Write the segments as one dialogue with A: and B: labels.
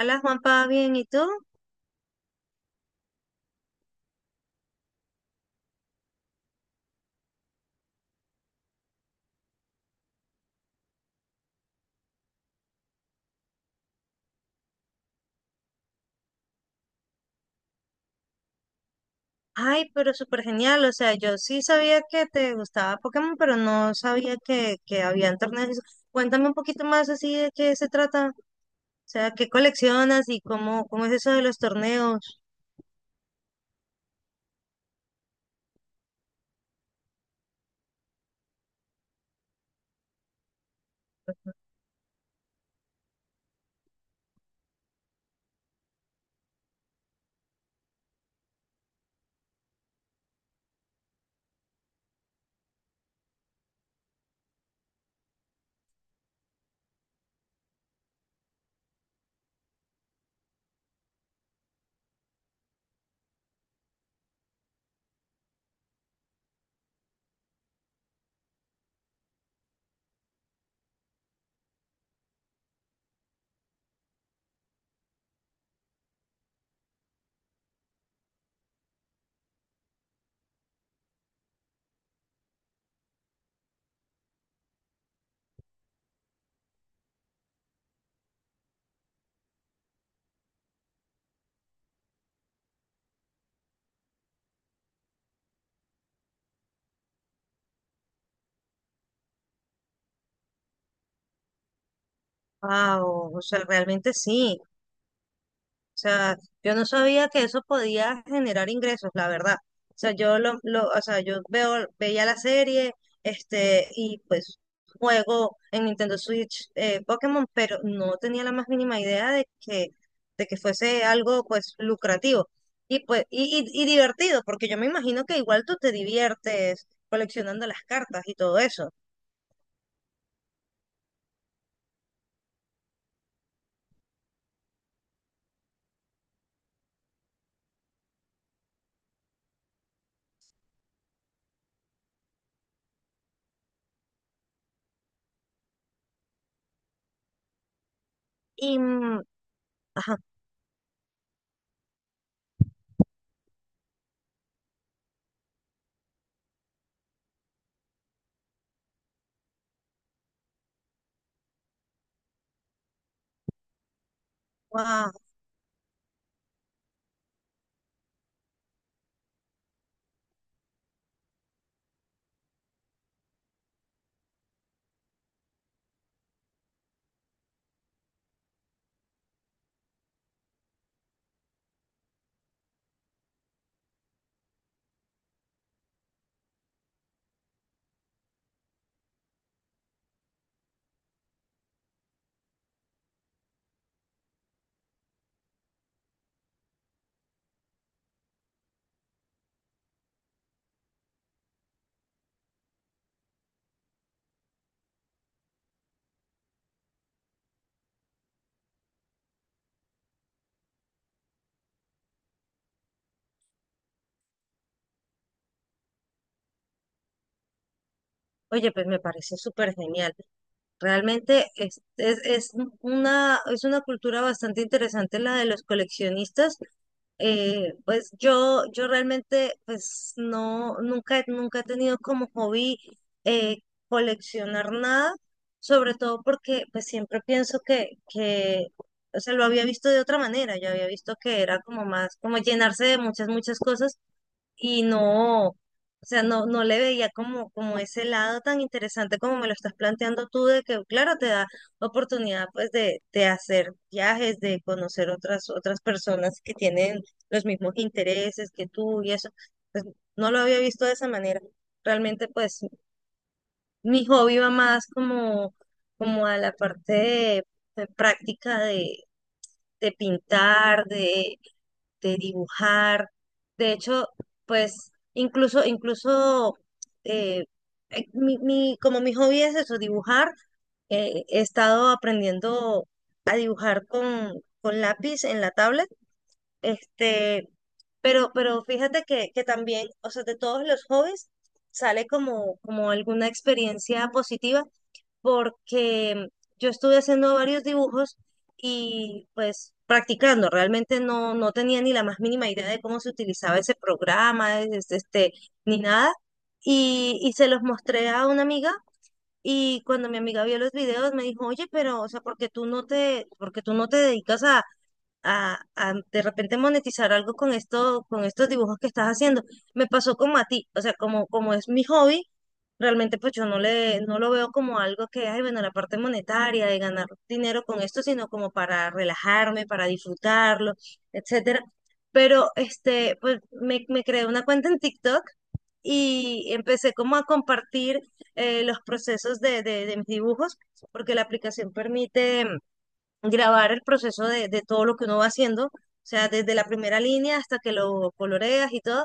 A: Hola Juanpa, bien, ¿y tú? Ay, pero súper genial, o sea, yo sí sabía que te gustaba Pokémon, pero no sabía que había torneos y eso. Cuéntame un poquito más así de qué se trata, o sea, qué coleccionas y cómo es eso de los torneos. Wow, o sea, realmente sí. O sea, yo no sabía que eso podía generar ingresos, la verdad. O sea, yo veía la serie, este, y pues juego en Nintendo Switch, Pokémon, pero no tenía la más mínima idea de que fuese algo pues lucrativo y pues, y divertido, porque yo me imagino que igual tú te diviertes coleccionando las cartas y todo eso. Y mm, ajá, wow. Oye, pues me parece súper genial. Realmente es una cultura bastante interesante la de los coleccionistas. Pues yo, realmente pues no, nunca he tenido como hobby, eh, coleccionar nada, sobre todo porque pues siempre pienso que, o sea, lo había visto de otra manera. Yo había visto que era como más, como llenarse de muchas, muchas cosas y no, o sea, no, no le veía como, ese lado tan interesante como me lo estás planteando tú, de que, claro, te da oportunidad pues de, hacer viajes, de conocer otras personas que tienen los mismos intereses que tú y eso, pues no lo había visto de esa manera. Realmente pues mi hobby va más como, como a la parte de, práctica de pintar, de dibujar. De hecho, pues incluso eh, como mi hobby es eso, dibujar, he estado aprendiendo a dibujar con, lápiz en la tablet. Este, pero fíjate que también, o sea, de todos los hobbies sale como, alguna experiencia positiva, porque yo estuve haciendo varios dibujos y pues practicando. Realmente no tenía ni la más mínima idea de cómo se utilizaba ese programa, este, ni nada, y se los mostré a una amiga. Y cuando mi amiga vio los videos me dijo, oye, pero, o sea, porque tú no te dedicas a, de repente monetizar algo con esto, con estos dibujos que estás haciendo. Me pasó como a ti, o sea, como es mi hobby, realmente pues yo no lo veo como algo que, ay, bueno, la parte monetaria de ganar dinero con esto, sino como para relajarme, para disfrutarlo, etcétera. Pero este, pues me, creé una cuenta en TikTok y empecé como a compartir, los procesos de, mis dibujos, porque la aplicación permite grabar el proceso de todo lo que uno va haciendo, o sea, desde la primera línea hasta que lo coloreas y todo.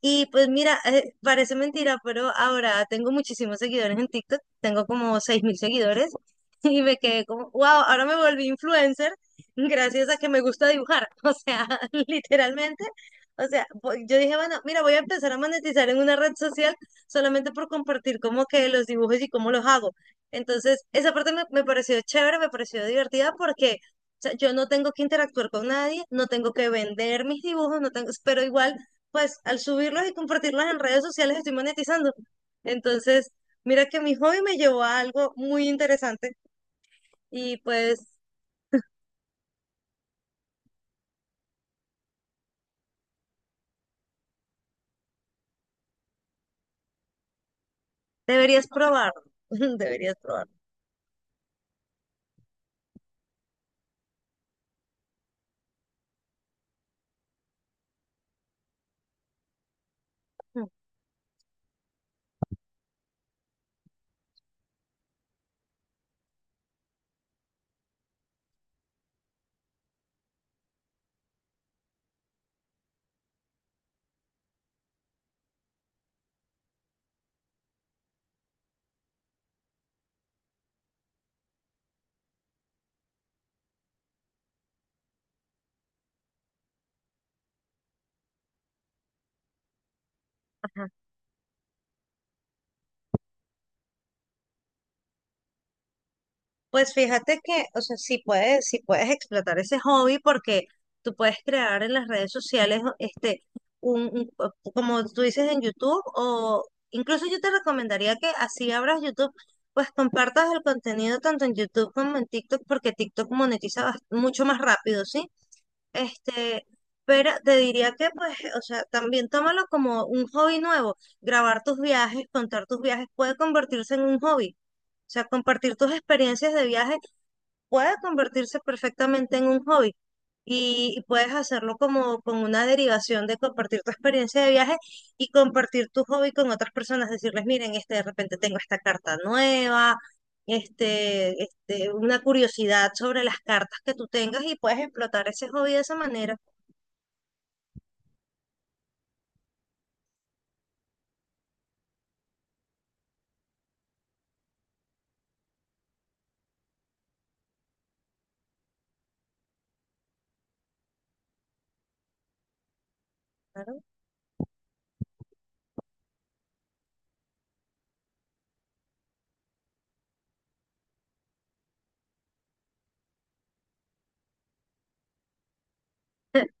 A: Y pues mira, parece mentira, pero ahora tengo muchísimos seguidores en TikTok, tengo como 6.000 seguidores y me quedé como, wow, ahora me volví influencer gracias a que me gusta dibujar, o sea, literalmente, o sea, yo dije, bueno, mira, voy a empezar a monetizar en una red social solamente por compartir como que los dibujos y cómo los hago. Entonces, esa parte me pareció chévere, me pareció divertida porque... O sea, yo no tengo que interactuar con nadie, no tengo que vender mis dibujos, no tengo, pero igual pues al subirlos y compartirlos en redes sociales estoy monetizando. Entonces, mira que mi hobby me llevó a algo muy interesante y pues deberías probarlo, deberías probarlo. Pues fíjate que, o sea, sí puedes explotar ese hobby, porque tú puedes crear en las redes sociales, este, como tú dices en YouTube, o incluso yo te recomendaría que así abras YouTube, pues compartas el contenido tanto en YouTube como en TikTok, porque TikTok monetiza mucho más rápido, ¿sí? Este, pero te diría que, pues, o sea, también tómalo como un hobby nuevo. Grabar tus viajes, contar tus viajes puede convertirse en un hobby. O sea, compartir tus experiencias de viaje puede convertirse perfectamente en un hobby, y puedes hacerlo como con una derivación de compartir tu experiencia de viaje y compartir tu hobby con otras personas, decirles, miren, este, de repente tengo esta carta nueva, este, una curiosidad sobre las cartas que tú tengas, y puedes explotar ese hobby de esa manera. Claro.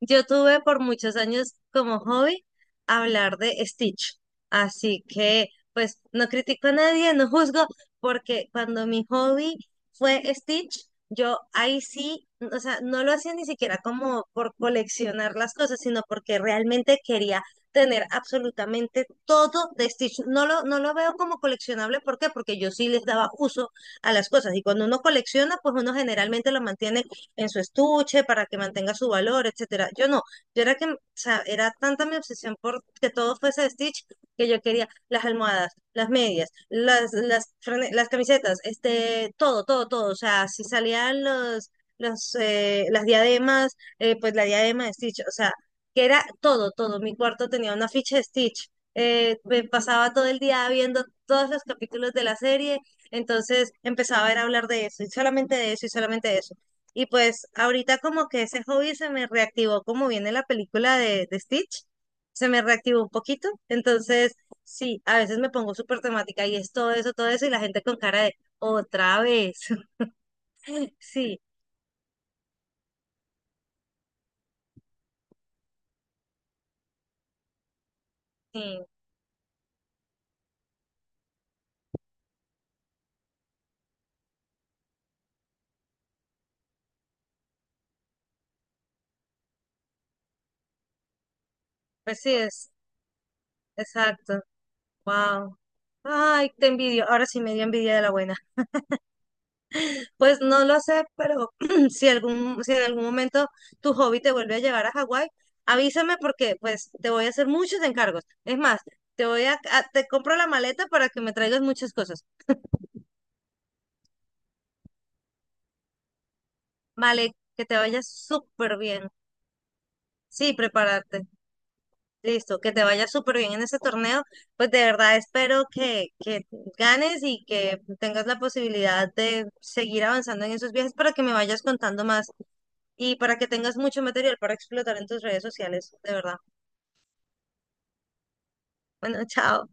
A: Yo tuve por muchos años como hobby hablar de Stitch, así que pues no critico a nadie, no juzgo, porque cuando mi hobby fue Stitch, yo ahí sí, o sea, no lo hacía ni siquiera como por coleccionar las cosas, sino porque realmente quería tener absolutamente todo de Stitch. No lo veo como coleccionable. ¿Por qué? Porque yo sí les daba uso a las cosas, y cuando uno colecciona, pues uno generalmente lo mantiene en su estuche para que mantenga su valor, etcétera. Yo no, yo era que, o sea, era tanta mi obsesión por que todo fuese de Stitch, que yo quería las almohadas, las medias, las camisetas, este, todo, todo, todo. O sea, si salían las diademas, pues la diadema de Stitch, o sea, que era todo, todo. Mi cuarto tenía una ficha de Stitch. Me pasaba todo el día viendo todos los capítulos de la serie. Entonces empezaba a ver a hablar de eso y solamente de eso y solamente de eso. Y pues ahorita como que ese hobby se me reactivó como viene la película de Stitch, se me reactivó un poquito. Entonces, sí, a veces me pongo súper temática y es todo eso, y la gente con cara de otra vez. Sí, sí, pues sí es, exacto. Wow. Ay, te envidio. Ahora sí me dio envidia de la buena. Pues no lo sé, pero si en algún momento tu hobby te vuelve a llevar a Hawái, avísame, porque pues te voy a hacer muchos encargos. Es más, te voy a, te compro la maleta para que me traigas muchas cosas. Vale, que te vaya súper bien. Sí, prepárate. Listo, que te vaya súper bien en ese torneo. Pues de verdad espero que ganes y que tengas la posibilidad de seguir avanzando en esos viajes para que me vayas contando más y para que tengas mucho material para explotar en tus redes sociales, de verdad. Bueno, chao.